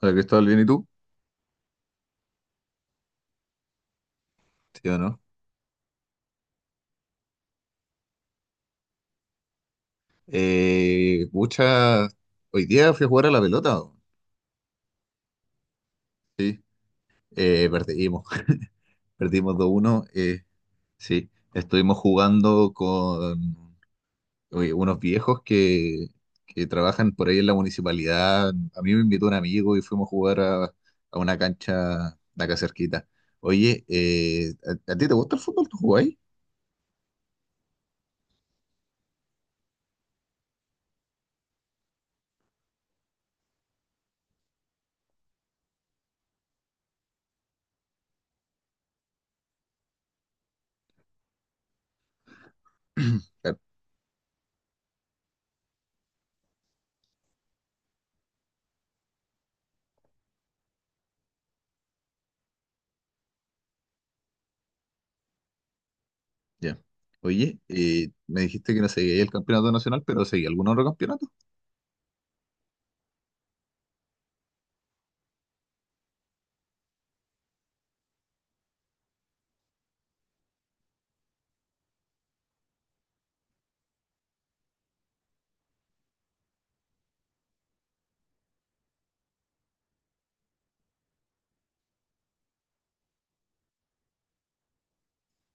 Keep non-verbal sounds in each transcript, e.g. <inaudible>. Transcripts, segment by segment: Hola Cristóbal, ¿bien y tú? Sí o no. Pucha, hoy día fui a jugar a la pelota. ¿O? Sí, perdimos. <laughs> Perdimos 2-1. Sí, estuvimos jugando con oye, unos viejos que trabajan por ahí en la municipalidad. A mí me invitó un amigo y fuimos a jugar a una cancha de acá cerquita. Oye, ¿a ti te gusta el fútbol? ¿Tú jugás? <clears throat> Ya. Oye, me dijiste que no seguía el campeonato nacional, pero seguía algún otro campeonato.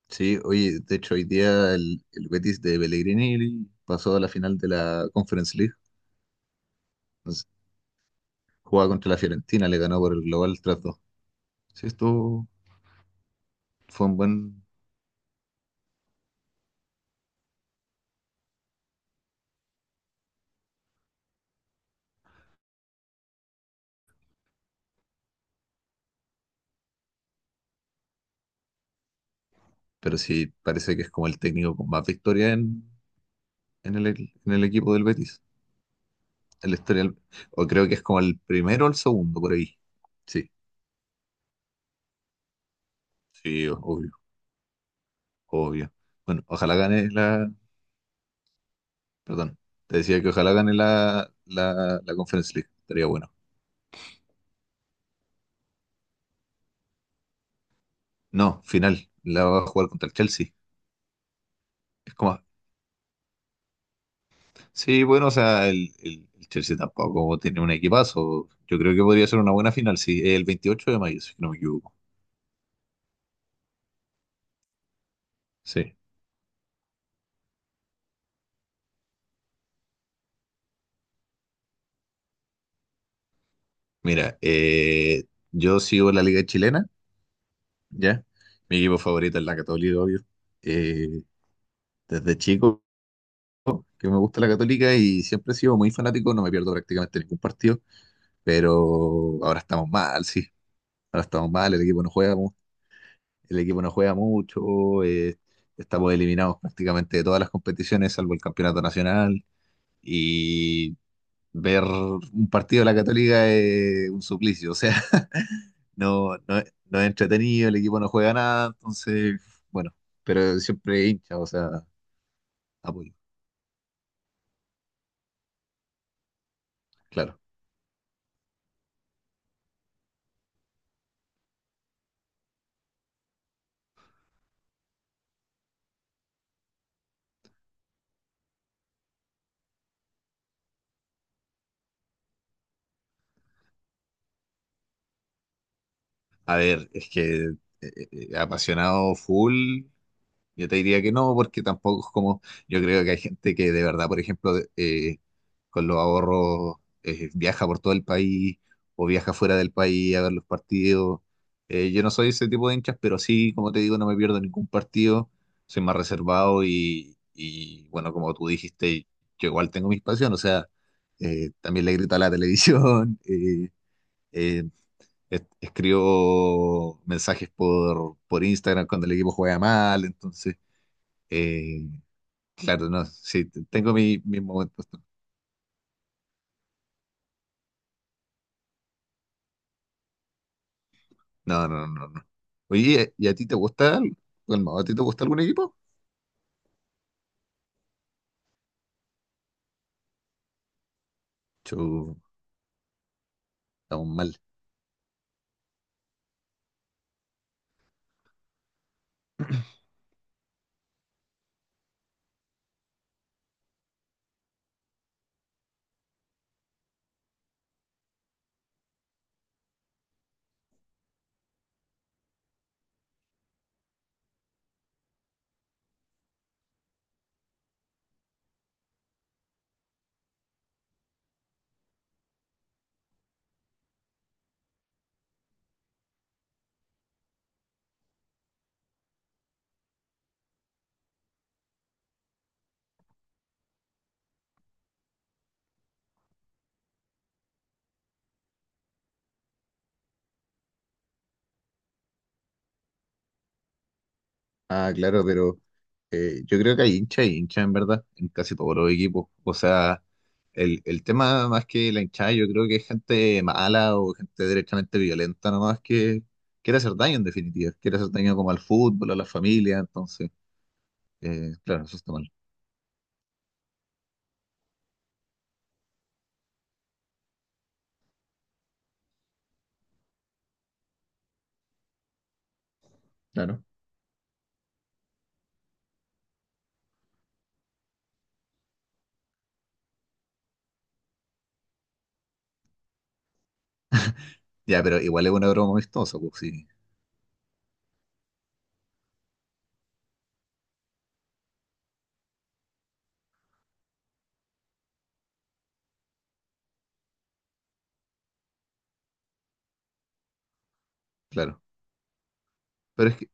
Sí, oye, de hecho, hoy día el Betis de Pellegrini pasó a la final de la Conference League. Entonces, jugaba contra la Fiorentina, le ganó por el global 3 dos. Sí, esto fue un buen, pero sí parece que es como el técnico con más victoria en el, en el equipo del Betis. El la O creo que es como el primero o el segundo por ahí. Sí, sí, obvio, obvio. Bueno, ojalá gane la, perdón. Te decía que ojalá gane la Conference League. Estaría bueno. No, final. La va a jugar contra el Chelsea. Es como. Sí, bueno, o sea, el Chelsea tampoco tiene un equipazo. Yo creo que podría ser una buena final, sí. El 28 de mayo, si no me equivoco. Sí. Mira, yo sigo la Liga Chilena, ¿ya? Mi equipo favorito es la Católica, obvio. Eh, Desde chico que me gusta la Católica y siempre he sido muy fanático, no me pierdo prácticamente ningún partido, pero ahora estamos mal, sí. Ahora estamos mal, el equipo no juega, mu- el equipo no juega mucho, estamos eliminados prácticamente de todas las competiciones, salvo el campeonato nacional, y ver un partido de la Católica es un suplicio, o sea, <laughs> no, no, no es entretenido, el equipo no juega nada, entonces, bueno, pero siempre hincha, o sea, apoyo, claro. A ver, es que apasionado full. Yo te diría que no, porque tampoco es como, yo creo que hay gente que de verdad, por ejemplo, con los ahorros viaja por todo el país o viaja fuera del país a ver los partidos. Yo no soy ese tipo de hinchas, pero sí, como te digo, no me pierdo ningún partido, soy más reservado y, bueno, como tú dijiste, yo igual tengo mis pasiones, o sea, también le grito a la televisión, <laughs> eh, escribo mensajes por Instagram cuando el equipo juega mal, entonces... Eh, claro, no, sí, tengo mis momentos. No, no, no, no. Oye, ¿y a ti te gusta Calmado, ¿a ti te gusta algún equipo? Chu, estamos mal. Ah, claro, pero yo creo que hay hincha y hincha en verdad en casi todos los equipos. O sea, el tema más que la hinchada, yo creo que es gente mala o gente directamente violenta nomás que quiere hacer daño en definitiva. Quiere hacer daño como al fútbol, a la familia, entonces, claro, eso está mal. Claro. Ya, pero igual es una broma amistosa, pues sí, claro. Pero es que,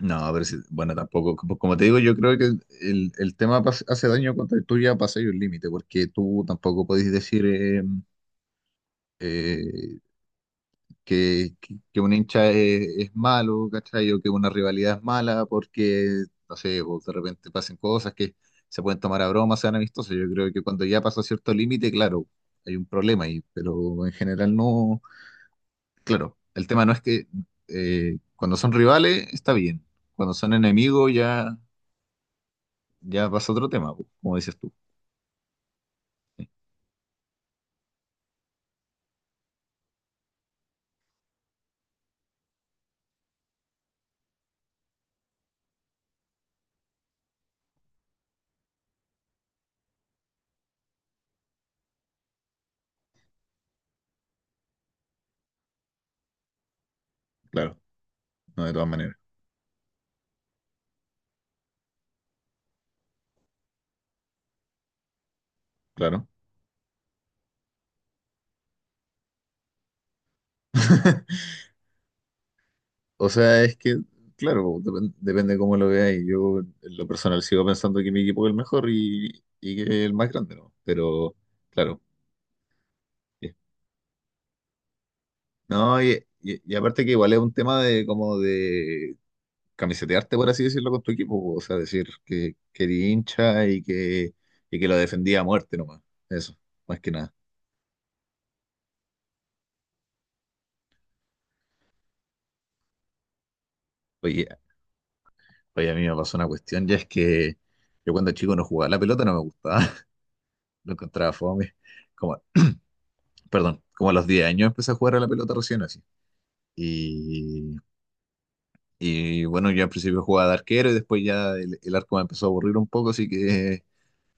no, pero bueno, tampoco, como te digo, yo creo que el tema hace daño cuando tú ya pasas un límite, porque tú tampoco podés decir eh, que un hincha es malo, ¿cachai? O que una rivalidad es mala, porque, no sé, vos de repente pasen cosas que se pueden tomar a broma, sean amistosas. Yo creo que cuando ya pasa cierto límite, claro, hay un problema ahí, pero en general no, claro, el tema no es que cuando son rivales está bien, cuando son enemigos ya pasa otro tema, po, como dices tú. Claro, no de todas maneras, claro. <laughs> O sea, es que, claro, pues, depende cómo lo veáis. Yo, en lo personal, sigo pensando que mi equipo es el mejor y que es el más grande, ¿no? Pero, claro. eh, No, y aparte que igual es un tema de como de camisetearte, por así decirlo, con tu equipo. Po. O sea, decir que eres hincha y que lo defendía a muerte nomás. Eso, más que nada. Oye, Oye, a mí me pasó una cuestión, ya es que yo cuando chico no jugaba, la pelota no me gustaba, <laughs> lo encontraba fome. Como, perdón, como a los 10 años empecé a jugar a la pelota recién así. Y, y bueno, yo al principio jugaba de arquero y después ya el arco me empezó a aburrir un poco, así que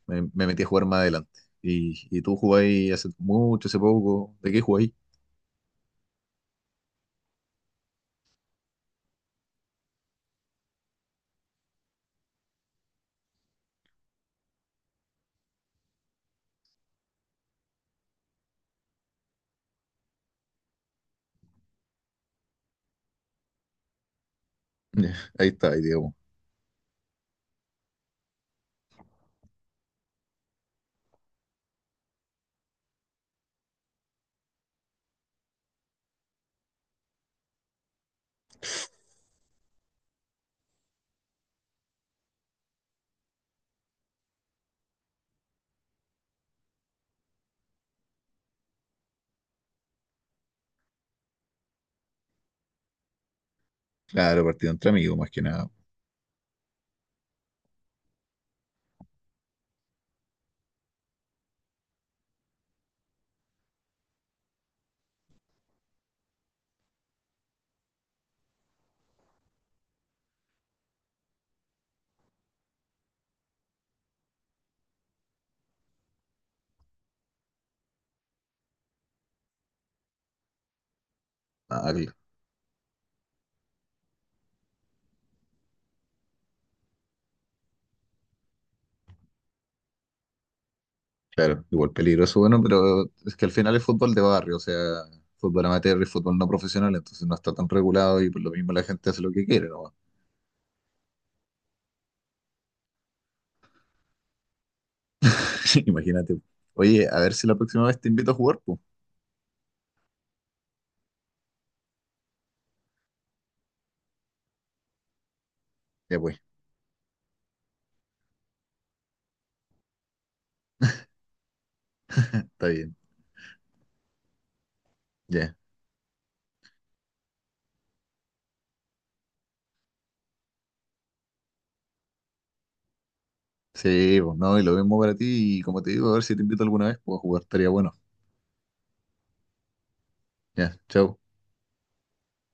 me metí a jugar más adelante. Y tú jugáis hace mucho, hace poco, ¿de qué jugáis? <laughs> Ahí está, ahí digamos. Claro, partido entre amigos, más que nada. Ah, claro, igual peligroso, bueno, pero es que al final es fútbol de barrio, o sea, fútbol amateur y fútbol no profesional, entonces no está tan regulado y por lo mismo la gente hace lo que quiere, ¿no? <laughs> Imagínate. Oye, a ver si la próxima vez te invito a jugar, pues. Ya pues, está bien, ya. Sí, pues no, y lo mismo para ti y como te digo, a ver si te invito alguna vez, pues a jugar estaría bueno. Ya, chao.